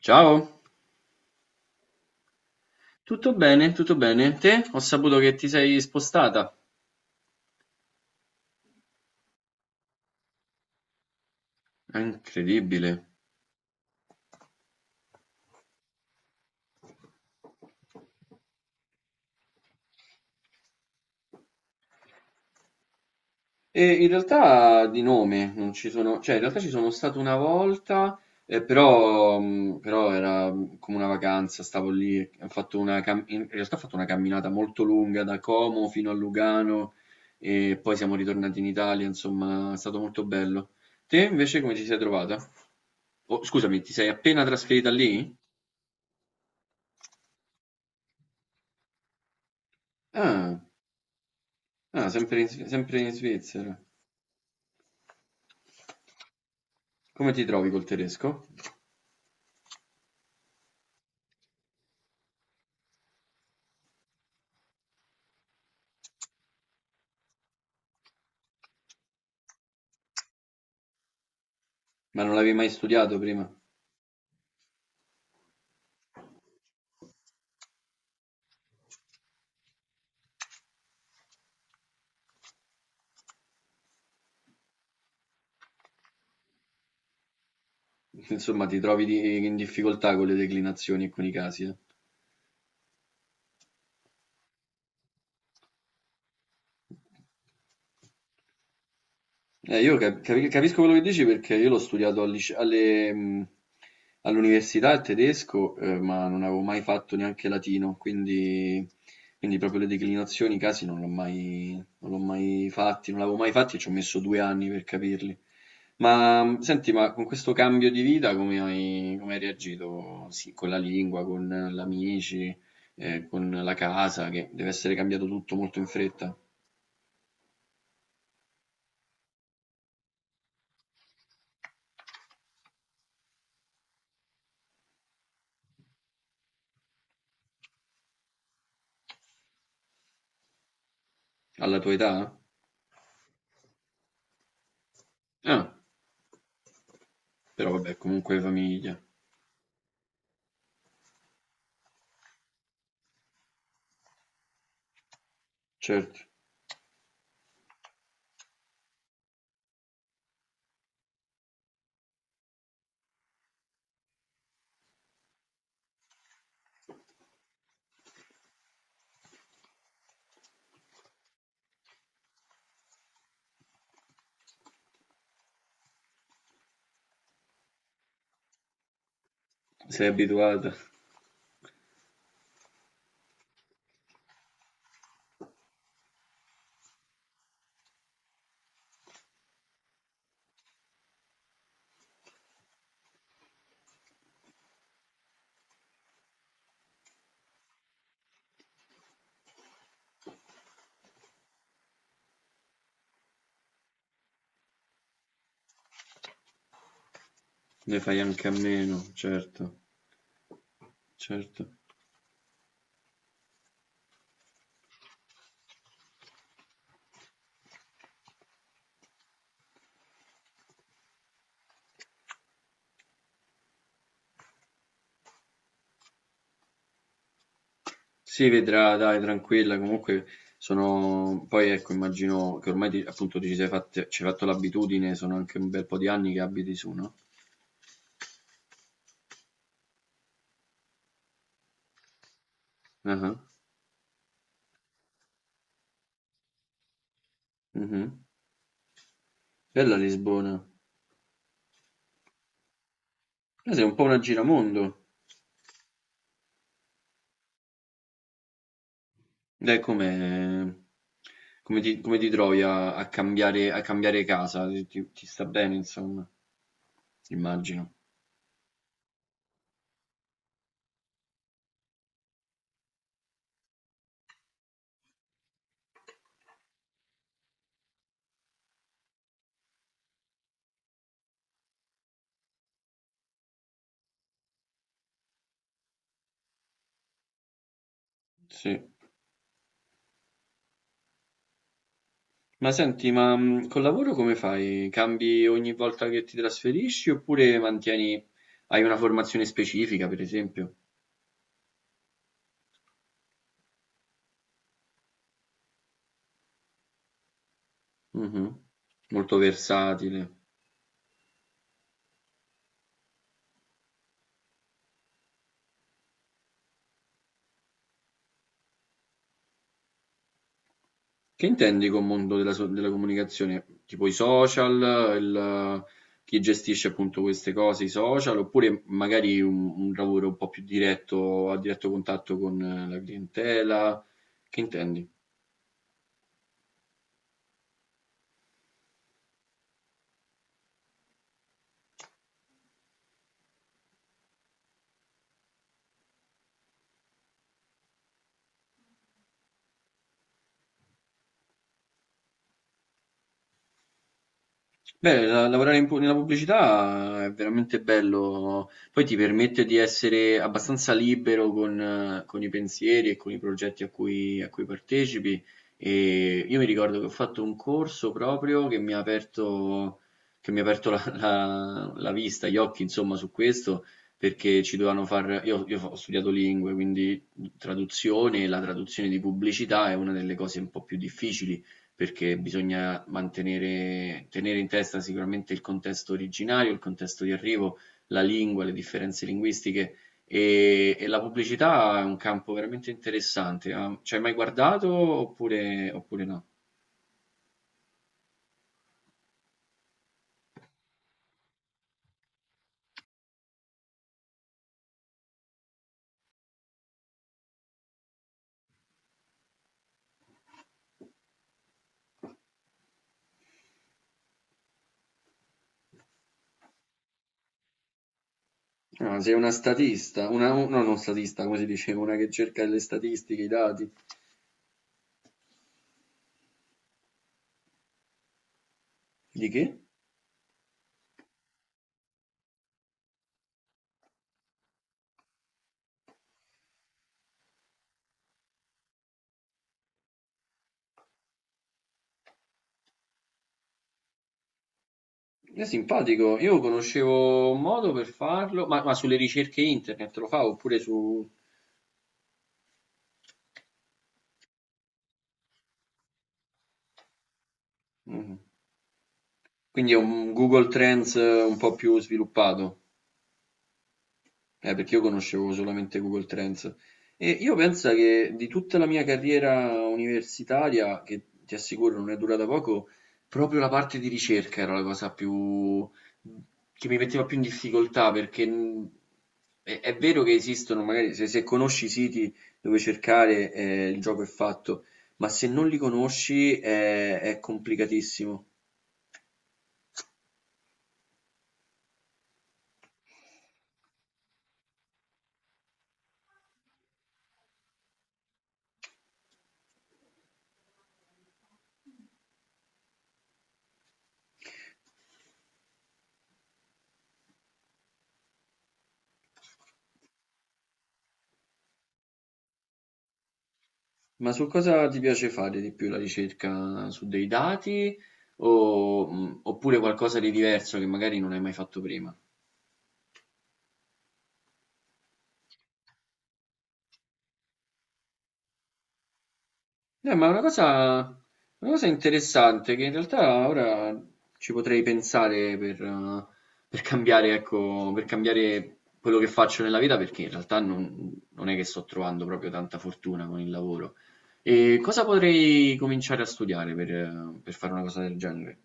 Ciao, tutto bene, tutto bene. Te? Ho saputo che ti sei spostata. È incredibile. E in realtà di nome non ci sono, cioè in realtà ci sono stato una volta, però era come una vacanza, stavo lì, ho fatto una in realtà ho fatto una camminata molto lunga da Como fino a Lugano e poi siamo ritornati in Italia, insomma, è stato molto bello. Te invece come ti sei trovata? Oh, scusami, ti sei appena trasferita lì? Ah. Ah, sempre in, sempre in Svizzera. Come ti trovi col tedesco? Ma non l'avevi mai studiato prima? Insomma, ti trovi in difficoltà con le declinazioni e con i casi, eh? Io capisco quello che dici perché io l'ho studiato al alle, all'università il tedesco, ma non avevo mai fatto neanche latino, quindi proprio le declinazioni, i casi non l'ho mai fatti, non l'avevo mai fatti e ci ho messo 2 anni per capirli. Ma senti, ma con questo cambio di vita come hai reagito? Sì, con la lingua, con gli amici, con la casa, che deve essere cambiato tutto molto in fretta. Alla tua età? Ah, però vabbè, comunque famiglia. Certo, sei abituata, ne fai anche a meno, certo, certo. Si vedrà, dai, tranquilla, comunque sono... Poi ecco, immagino che ormai appunto ti ci sei ci hai fatto l'abitudine, sono anche un bel po' di anni che abiti su, no? Ah, mhm. Bella Lisbona. Sei un po' una giramondo. Dai, come, come ti trovi a cambiare casa? Ti sta bene, insomma, immagino. Sì. Ma senti, ma col lavoro come fai? Cambi ogni volta che ti trasferisci oppure mantieni, hai una formazione specifica, per esempio? Mhm. Molto versatile. Che intendi con mondo della, della comunicazione? Tipo i social, il- chi gestisce appunto queste cose, i social, oppure magari un lavoro un po' più diretto, a diretto contatto con la clientela? Che intendi? Beh, lavorare in nella pubblicità è veramente bello, poi ti permette di essere abbastanza libero con i pensieri e con i progetti a cui partecipi. E io mi ricordo che ho fatto un corso proprio che mi ha aperto, che mi ha aperto la vista, gli occhi, insomma, su questo, perché ci dovevano far... io ho studiato lingue, quindi traduzione, la traduzione di pubblicità è una delle cose un po' più difficili perché bisogna mantenere, tenere in testa sicuramente il contesto originario, il contesto di arrivo, la lingua, le differenze linguistiche e la pubblicità è un campo veramente interessante. Ah, ci hai mai guardato oppure, oppure no? Ah, sei una statista, una, no, non statista, come si dice, una che cerca le statistiche, i dati. Di che? È simpatico, io conoscevo un modo per farlo, ma sulle ricerche internet lo fa oppure su... Mhm. Quindi è un Google Trends un po' più sviluppato, perché io conoscevo solamente Google Trends. E io penso che di tutta la mia carriera universitaria, che ti assicuro non è durata poco, proprio la parte di ricerca era la cosa più che mi metteva più in difficoltà, perché è vero che esistono, magari se conosci i siti dove cercare, il gioco è fatto, ma se non li conosci è complicatissimo. Ma su cosa ti piace fare di più la ricerca? Su dei dati o, oppure qualcosa di diverso che magari non hai mai fatto prima? Ma è una cosa interessante che in realtà ora ci potrei pensare per cambiare, ecco, per cambiare quello che faccio nella vita perché in realtà non è che sto trovando proprio tanta fortuna con il lavoro. E cosa potrei cominciare a studiare per fare una cosa del genere?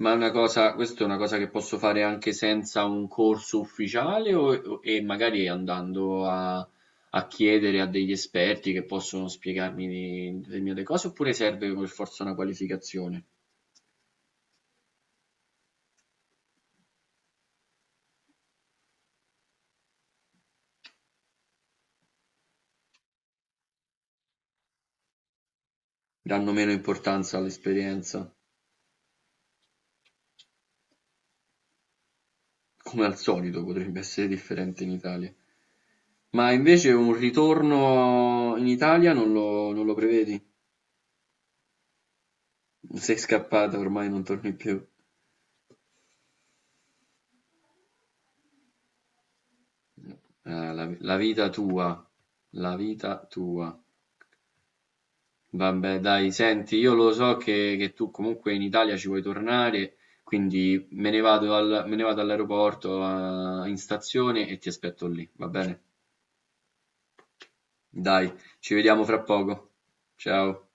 È una cosa che posso fare anche senza un corso ufficiale e magari andando a chiedere a degli esperti che possono spiegarmi determinate cose, oppure serve per forza una qualificazione? Danno meno importanza all'esperienza, come al solito potrebbe essere differente in Italia. Ma invece un ritorno in Italia non lo prevedi? Sei scappata, ormai non torni più. La la vita tua, la vita tua. Vabbè dai, senti, io lo so che tu comunque in Italia ci vuoi tornare, quindi me ne vado me ne vado all'aeroporto, in stazione e ti aspetto lì, va bene? Dai, ci vediamo fra poco. Ciao.